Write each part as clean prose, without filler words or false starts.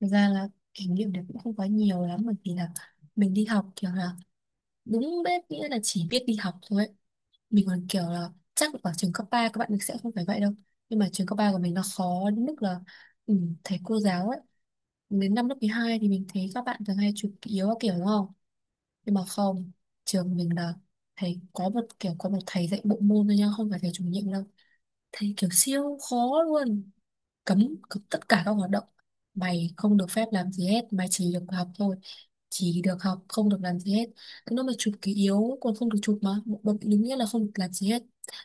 Thực ra là kỷ niệm đấy cũng không quá nhiều lắm bởi vì là mình đi học kiểu là đúng biết nghĩa là chỉ biết đi học thôi ấy. Mình còn kiểu là chắc ở trường cấp 3 các bạn mình sẽ không phải vậy đâu. Nhưng mà trường cấp 3 của mình nó khó đến mức là ừ, thầy cô giáo ấy. Đến năm lớp 12 thì mình thấy các bạn thường hay chụp yếu các kiểu đúng không? Nhưng mà không, trường mình là thầy có một kiểu có một thầy dạy bộ môn thôi nha, không phải thầy chủ nhiệm đâu. Thầy kiểu siêu khó luôn, cấm, cấm tất cả các hoạt động, mày không được phép làm gì hết, mày chỉ được học thôi, chỉ được học không được làm gì hết. Nó mà chụp ký yếu còn không được chụp mà một bậc đúng nghĩa là không được làm gì hết.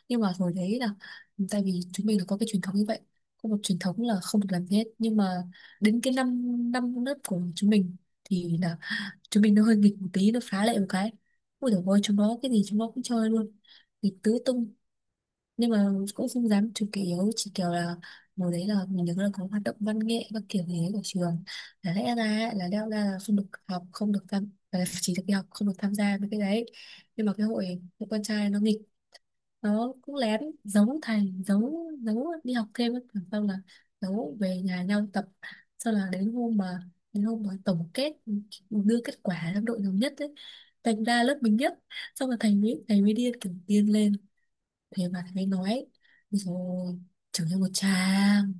Nhưng mà hồi đấy là tại vì chúng mình là có cái truyền thống như vậy, có một truyền thống là không được làm gì hết. Nhưng mà đến cái năm năm lớp của chúng mình thì là chúng mình nó hơi nghịch một tí, nó phá lệ một cái, ui dồi ôi chúng nó cái gì chúng nó cũng chơi luôn, nghịch tứ tung. Nhưng mà cũng không dám chụp kỷ yếu, chỉ kiểu là mùa đấy là mình nhớ là có hoạt động văn nghệ các kiểu gì đấy của trường, là lẽ ra ấy, là leo ra là không được học, không được tham, là chỉ được đi học không được tham gia với cái đấy. Nhưng mà cái hội hội con trai nó nghịch, nó cũng lén giấu thầy, giấu giấu đi học thêm ấy. Xong là giấu về nhà nhau tập, sau là đến hôm mà tổng kết đưa kết quả trong đội nhóm nhất ấy, thành ra lớp mình nhất. Xong là thầy mới điên kiểu điên lên, thế mà thầy mới nói rồi trưởng thành một tràng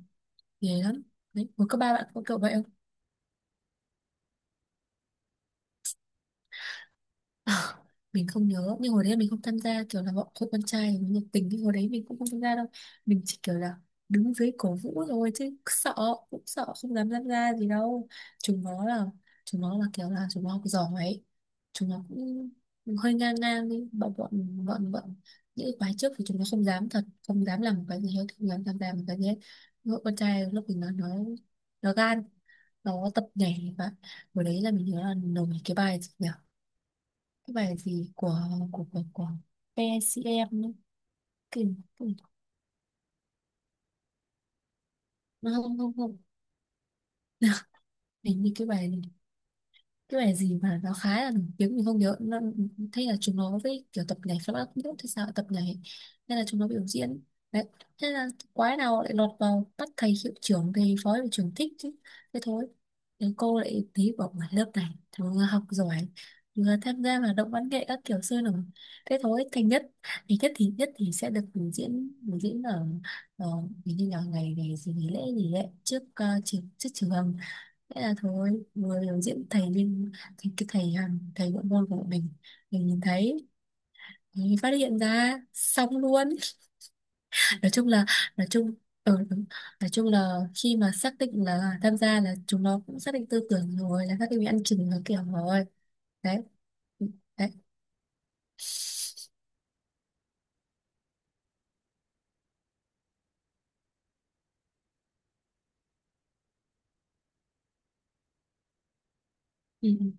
ghê lắm. Đấy có các ba bạn có kiểu vậy. À, mình không nhớ, nhưng hồi đấy mình không tham gia, kiểu là bọn hội con trai nó nhiệt tình nhưng hồi đấy mình cũng không tham gia đâu. Mình chỉ kiểu là đứng dưới cổ vũ thôi chứ sợ, cũng sợ không dám tham gia gì đâu. chúng nó là Chúng nó là kiểu là chúng nó học giỏi ấy, chúng nó cũng hơi ngang ngang đi. Bọn bọn bọn bọn những cái khóa trước thì chúng nó không dám thật, không dám làm một cái gì hết, không dám tham gia một cái gì hết. Hội con trai lúc mình nó nó gan, nó tập nhảy. Và hồi đấy là mình nhớ là nổi cái bài gì nhỉ? Cái bài gì của PCM ấy. Cái, cái, nó không không không. Hình như cái bài gì mà nó khá là nổi tiếng mình không nhớ, nó thấy là chúng nó với kiểu tập nhảy flamenco, không biết thế sao lại tập nhảy, nên là chúng nó biểu diễn. Đấy, thế là quái nào lại lọt vào bắt thầy hiệu trưởng thầy phó hiệu trưởng thích chứ. Thế thôi thì cô lại tí bảo ngoài lớp này thằng vừa học giỏi vừa tham gia hoạt động văn nghệ các kiểu sôi nổi, thế thôi thành nhất. Thì nhất thì sẽ được biểu diễn, biểu diễn ở, ở như là ngày ngày gì nghỉ lễ gì đấy trước trường, trước trường. Thế là thôi vừa biểu diễn thầy bên, thầy cái thầy hàng thầy bộ môn của bọn mình nhìn thấy thì phát hiện ra xong luôn. nói chung là nói chung ừ, đúng. Nói chung là khi mà xác định là tham gia là chúng nó cũng xác định tư tưởng rồi, là xác định bị ăn chừng nó kiểu rồi. Đấy. Ừ, đấy. Ừ. ừ.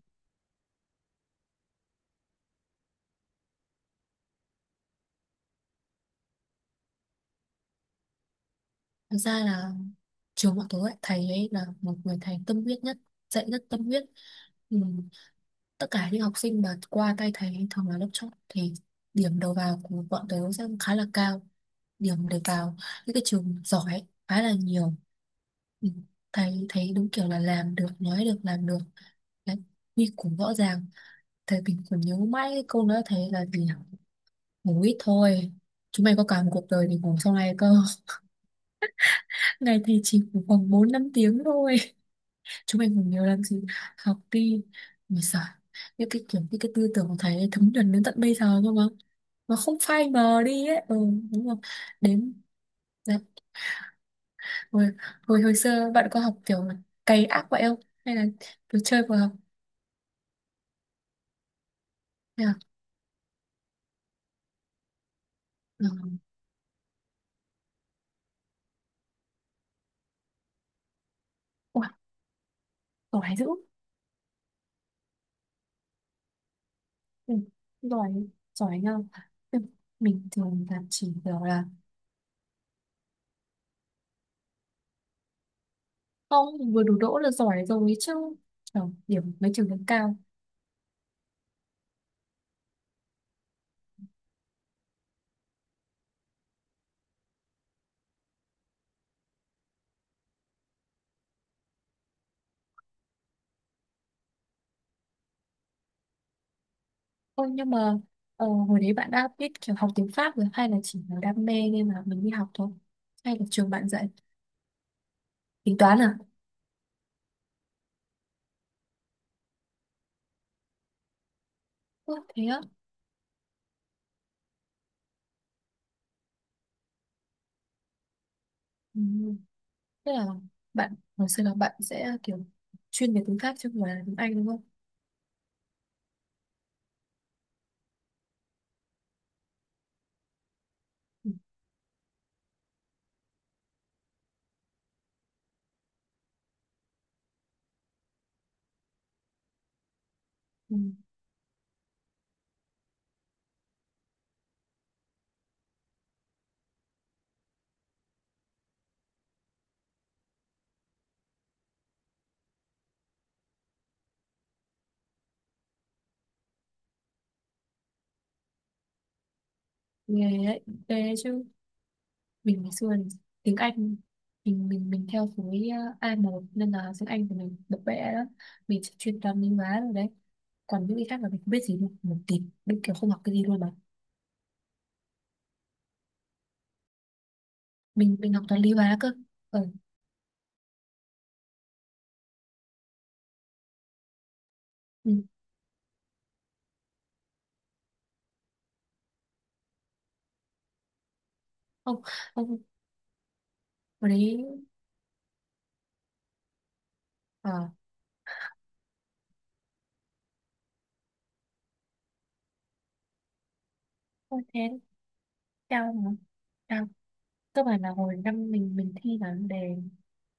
Thực ra là trường bọn tôi ấy, thầy ấy là một người thầy tâm huyết nhất, dạy rất tâm huyết. Ừ. Tất cả những học sinh mà qua tay thầy thường là lớp chót thì điểm đầu vào của bọn tớ sẽ khá là cao, điểm để vào những cái trường giỏi khá là nhiều. Ừ, thầy thấy đúng kiểu là làm được, nói được làm được. Đấy, quy củ rõ ràng. Thầy, mình còn nhớ mãi cái câu nói thầy là gì nhỉ? Ngủ ít thôi, chúng mày có cả một cuộc đời để ngủ sau này cơ. Ngày thì chỉ ngủ khoảng bốn năm tiếng thôi, chúng mình còn nhiều làm gì, học đi mà sợ. Những cái kiểu những cái tư tưởng của thầy ấy thấm nhuần đến tận bây giờ cơ mà không phai mờ đi ấy. Ừ, đúng không, đến đấy. Hồi, hồi hồi xưa bạn có học kiểu là cày ác vậy không hay là cứ chơi vừa học? Thế à? Ừ. Ủa, giỏi dữ. ừ, giỏi, giỏi nhau. Ừ. Mình thường là chỉ kiểu là không, vừa đủ đỗ là giỏi rồi chứ. Ờ, điểm mấy trường cũng cao. Ôi nhưng mà hồi đấy bạn đã biết kiểu học tiếng Pháp rồi hay là chỉ là đam mê nên là mình đi học thôi? Hay là trường bạn dạy tính toán à? Ủa, thế á? Ừ. Tức là bạn hồi xưa là bạn sẽ kiểu chuyên về tiếng Pháp chứ không phải là tiếng Anh đúng không? Ừ. Ừ. Nghe đấy, ghê đấy chứ. Mình ngày xưa thì tiếng Anh, mình theo khối A1 nên là tiếng Anh của mình bập bẹ đó. Mình chỉ chuyên toán lý hóa rồi đấy, còn những cái khác là mình không biết gì luôn một tí, mình kiểu không học cái gì luôn mà. Mình học toán lý hóa cơ. Ờ, Ừ. Không, không, hồi đấy ờ không thế cao mà cao. Cơ bản là hồi năm mình thi là đề,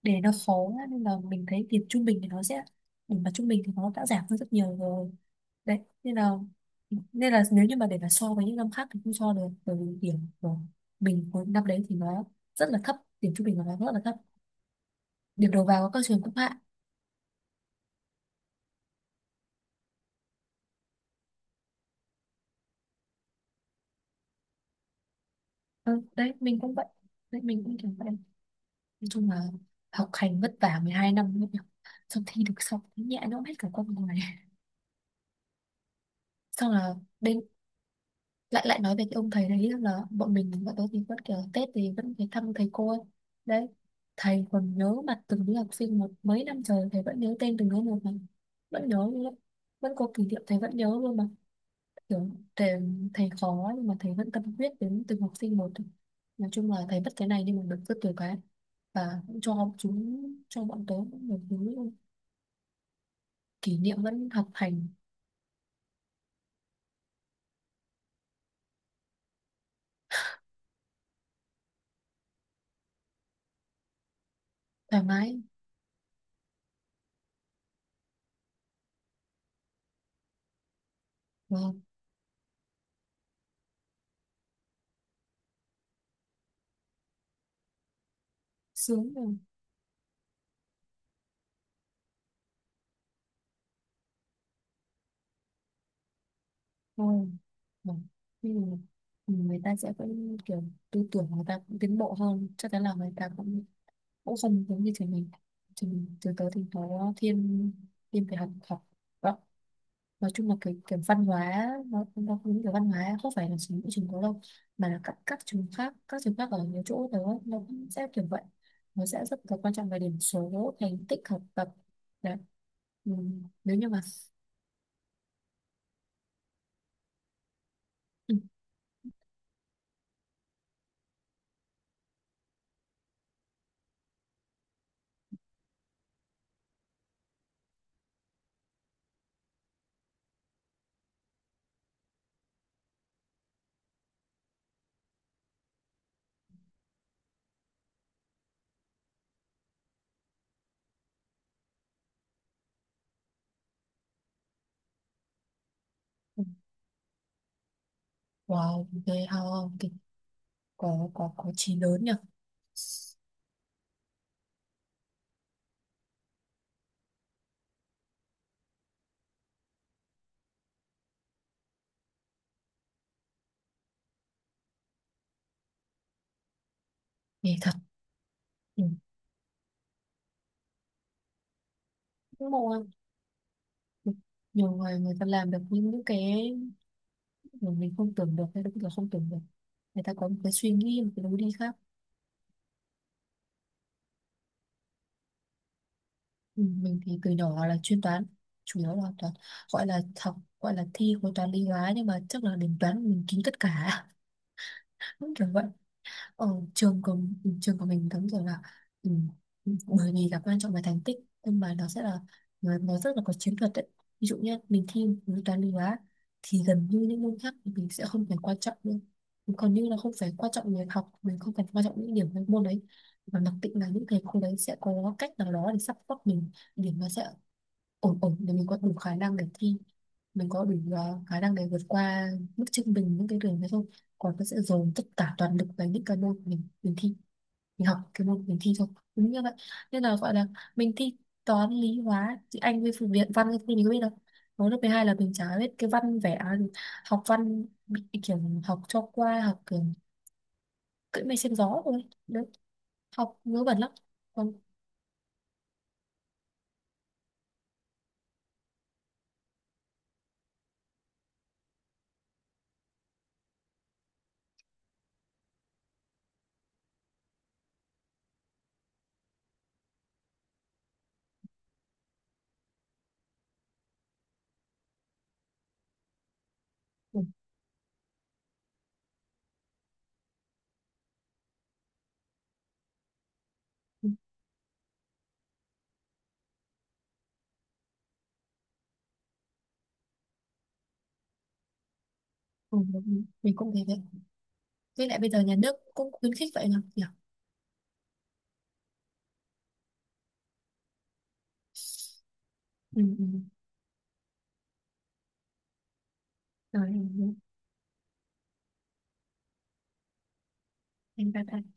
đề nó khó á, nên là mình thấy điểm trung bình thì nó sẽ, điểm mà trung bình thì nó đã giảm hơn rất nhiều rồi. Đấy nên là, nên là nếu như mà để mà so với những năm khác thì không so được, bởi vì điểm của mình hồi năm đấy thì nó rất là thấp, điểm trung bình của nó rất là thấp, điểm đầu vào của các trường cũng hạ. Ừ, đấy mình cũng vậy, đấy mình cũng kiểu vậy. Nói chung là học hành vất vả 12 năm luôn nhỉ. Xong thi được xong nhẹ nhõm hết cả con người. Xong là đến lại, lại nói về cái ông thầy đấy là bọn mình, bọn tôi thì vẫn kiểu Tết thì vẫn phải thăm thầy cô ấy. Đấy. Thầy còn nhớ mặt từng đứa học sinh một, mấy năm trời thầy vẫn nhớ tên từng đứa một mà, vẫn nhớ luôn đấy. Vẫn có kỷ niệm thầy vẫn nhớ luôn mà, kiểu thầy, thầy khó nhưng mà thầy vẫn tâm huyết đến từng học sinh một. Nói chung là thầy bất cái này nhưng mà được rất nhiều cái, và cũng cho chúng, cho bọn tớ cũng được thứ kỷ niệm vẫn học hành thoải mái. Vâng, sướng rồi. Vâng, vâng. Thế thì người ta sẽ vẫn kiểu tư tưởng người ta cũng tiến bộ hơn, chắc chắn là người ta cũng cũng không giống như trường mình. Trường mình từ tới thì nó thiên, thiên về học, học. Vâng, nói chung là cái văn hóa, nó cũng cái văn hóa không phải là chỉ mỗi trường có đâu, mà là các trường khác, các trường khác ở nhiều chỗ nữa nó cũng sẽ kiểu vậy. Nó sẽ rất là quan trọng về điểm số, thành tích học tập. Đấy. Ừ. Nếu như mà ừ. ừ. Wow, ghê ha. Cái có có chí lớn nhỉ. Ghê thật. Ừ. Ngưỡng mộ em. Ừ. Nhiều người, người ta làm được những cái mà mình không tưởng được, hay là không tưởng được. Người ta có một cái suy nghĩ, một cái lối đi khác. Ừ, mình thì từ nhỏ là chuyên toán, chủ yếu là toán, gọi là học, gọi là thi khối toán lý hóa nhưng mà chắc là đến toán mình kín tất cả. Đúng kiểu vậy. Ở trường của, ừ, trường của mình đúng rồi là, ừ, bởi vì là quan trọng về thành tích, nhưng mà nó sẽ là, nó rất là có chiến thuật đấy. Ví dụ như mình thi khối toán lý hóa thì gần như những môn khác thì mình sẽ không phải quan trọng nữa, còn như là không phải quan trọng việc học, mình không cần quan trọng những điểm trong môn đấy, mà mặc định là những thầy cô đấy sẽ có cách nào đó để support mình. Điểm nó sẽ ổn ổn để mình có đủ khả năng để thi, mình có đủ khả năng để vượt qua mức trung bình những cái đường đấy không. Còn nó sẽ dồn tất cả toàn lực vào những cái môn mình thi, mình học cái môn mình thi thôi. Đúng như vậy, nên là gọi là mình thi toán lý hóa thì anh với phụ viện văn thì mình có biết đâu. Hồi lớp 12 là mình chả biết cái văn vẽ gì. Học văn bị kiểu học cho qua, học kiểu cưỡi mây xem gió thôi đấy, học ngớ bẩn lắm. Còn ừ, ừ, ừ, mình cũng thế đấy. Với lại bây giờ nhà nước cũng khuyến khích vậy mà. Ừ, ừ. Rồi em. Em bye bye.